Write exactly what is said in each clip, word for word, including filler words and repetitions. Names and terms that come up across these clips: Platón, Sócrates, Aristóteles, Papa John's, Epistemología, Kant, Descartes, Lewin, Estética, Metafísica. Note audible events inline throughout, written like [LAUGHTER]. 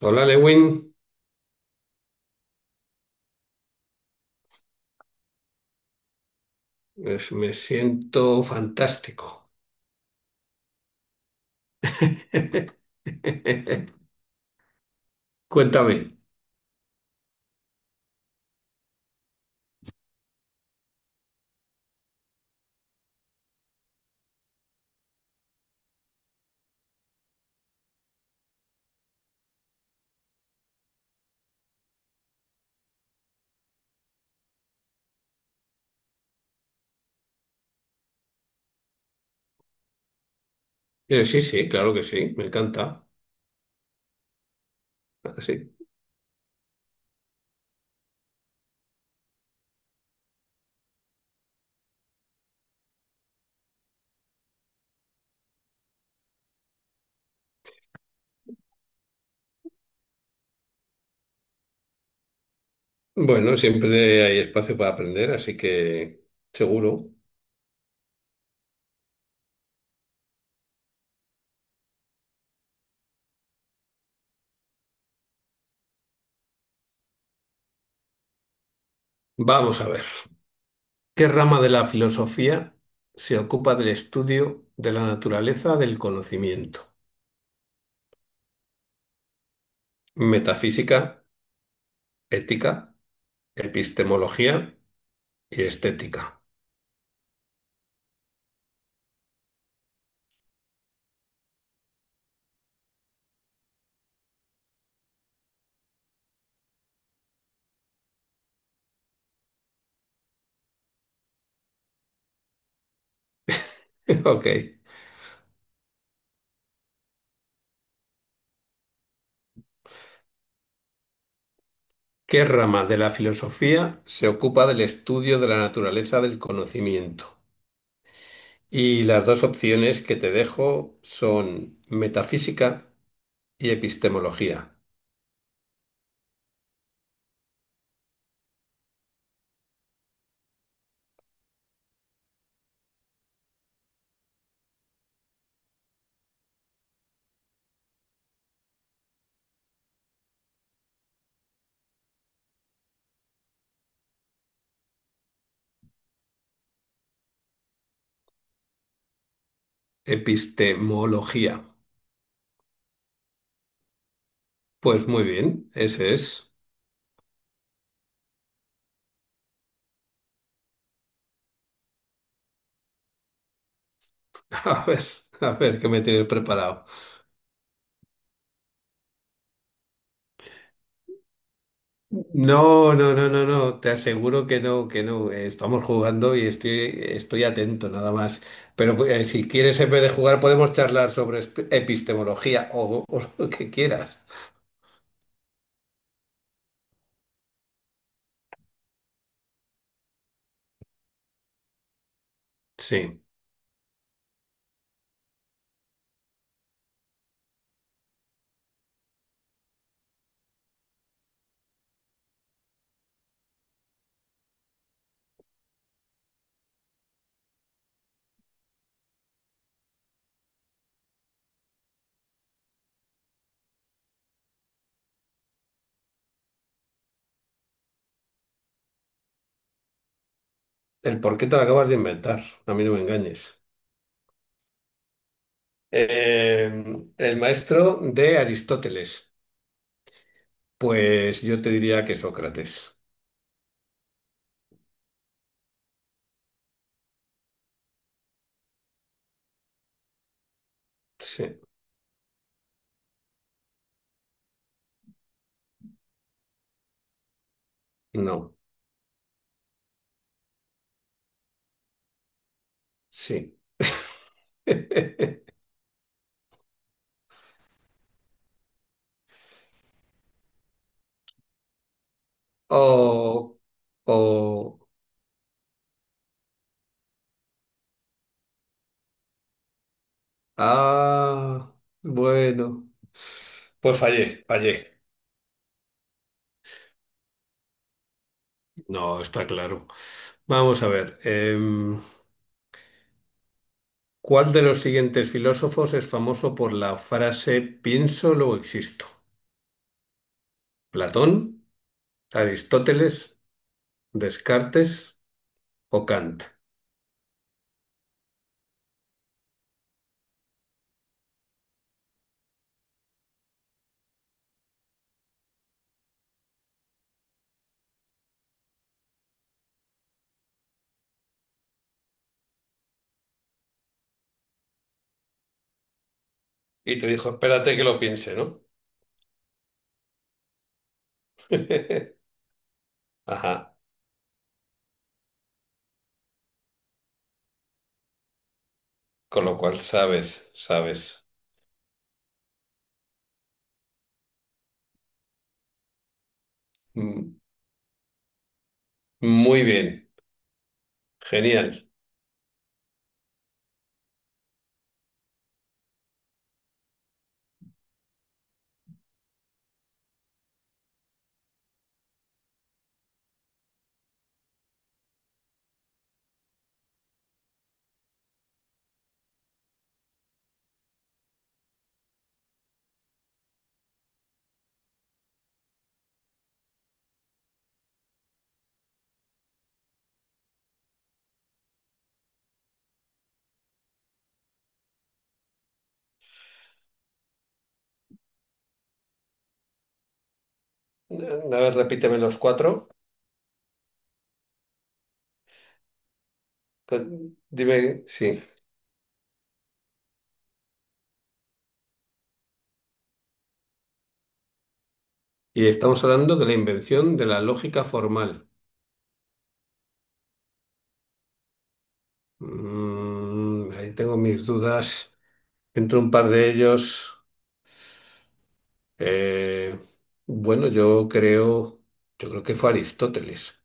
Hola, Lewin. Pues me siento fantástico. [LAUGHS] Cuéntame. Eh, sí, sí, claro que sí, me encanta. Ah, sí. Bueno, siempre hay espacio para aprender, así que seguro. Vamos a ver. ¿Qué rama de la filosofía se ocupa del estudio de la naturaleza del conocimiento? Metafísica, ética, epistemología y estética. [LAUGHS] Ok. ¿Qué rama de la filosofía se ocupa del estudio de la naturaleza del conocimiento? Y las dos opciones que te dejo son metafísica y epistemología. Epistemología. Pues muy bien, ese es. [LAUGHS] A ver, a ver qué me tienes preparado. No, no, no, no, no, te aseguro que no, que no. Eh, Estamos jugando y estoy, estoy atento nada más. Pero eh, si quieres, en vez de jugar, podemos charlar sobre esp- epistemología o o lo que quieras. Sí, el por qué te lo acabas de inventar, a mí no me engañes. Eh, el maestro de Aristóteles, pues yo te diría que Sócrates. Sí, no, sí. [LAUGHS] O, o, ah, bueno, pues fallé, fallé. No, está claro. Vamos a ver, em, ¿cuál de los siguientes filósofos es famoso por la frase pienso, lo existo? ¿Platón? Aristóteles, Descartes o Kant. Y te dijo, espérate que lo piense, ¿no? [LAUGHS] Ajá, con lo cual sabes, sabes. Mm, muy bien, genial. Eh, A ver, repíteme los cuatro. Eh, Dime, sí. Y estamos hablando de la invención de la lógica formal. Mm, ahí tengo mis dudas. Entre un par de ellos, eh, bueno, yo creo, yo creo que fue Aristóteles.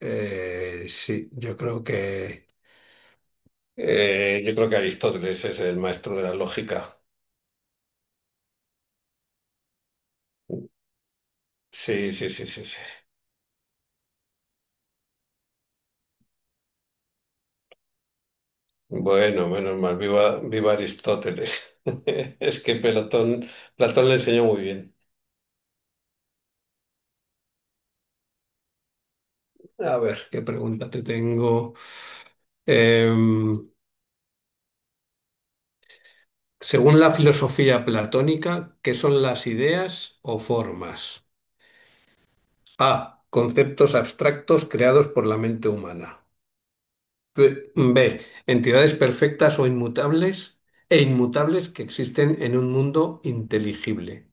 Eh, sí, yo creo que eh, yo creo que Aristóteles es el maestro de la lógica. Sí, sí, sí, sí, sí. Bueno, menos mal, viva, viva Aristóteles. [LAUGHS] Es que Platón, Platón le enseñó muy bien. A ver, ¿qué pregunta te tengo? Em, según la filosofía platónica, ¿qué son las ideas o formas? A. Conceptos abstractos creados por la mente humana. B. B. Entidades perfectas o inmutables e inmutables que existen en un mundo inteligible.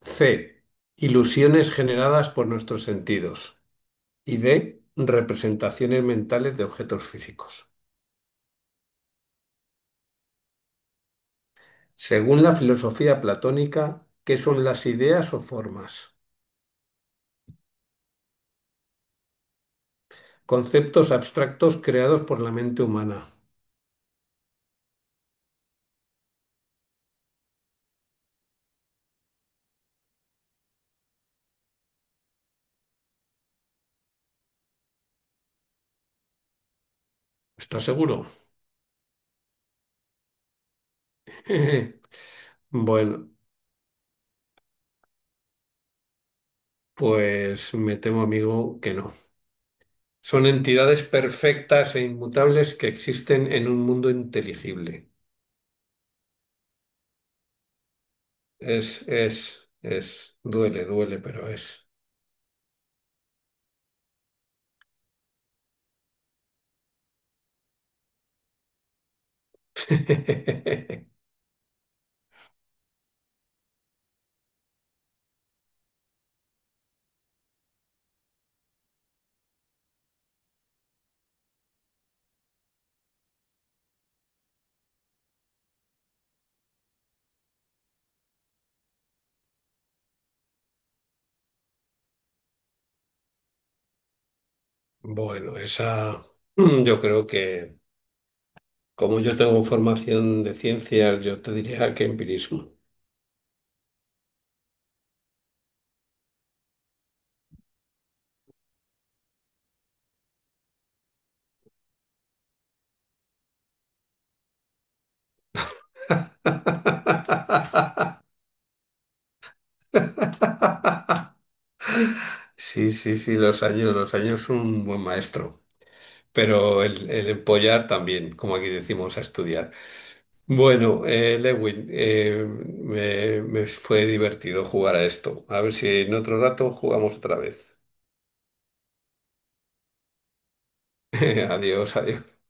C. Ilusiones generadas por nuestros sentidos. Y D. Representaciones mentales de objetos físicos. Según la filosofía platónica, ¿qué son las ideas o formas? Conceptos abstractos creados por la mente humana. ¿Estás seguro? [LAUGHS] Bueno, pues me temo, amigo, que no. Son entidades perfectas e inmutables que existen en un mundo inteligible. Es, es, es, duele, duele, pero es. [LAUGHS] Bueno, esa, [CLEARS THROAT] yo creo que, como yo tengo formación de ciencias, yo te diría que empirismo. [LAUGHS] Sí, sí, sí, los años, los años son un buen maestro, pero el, el empollar también, como aquí decimos, a estudiar. Bueno, eh, Lewin, eh, me, me fue divertido jugar a esto. A ver si en otro rato jugamos otra vez. [LAUGHS] Adiós, adiós.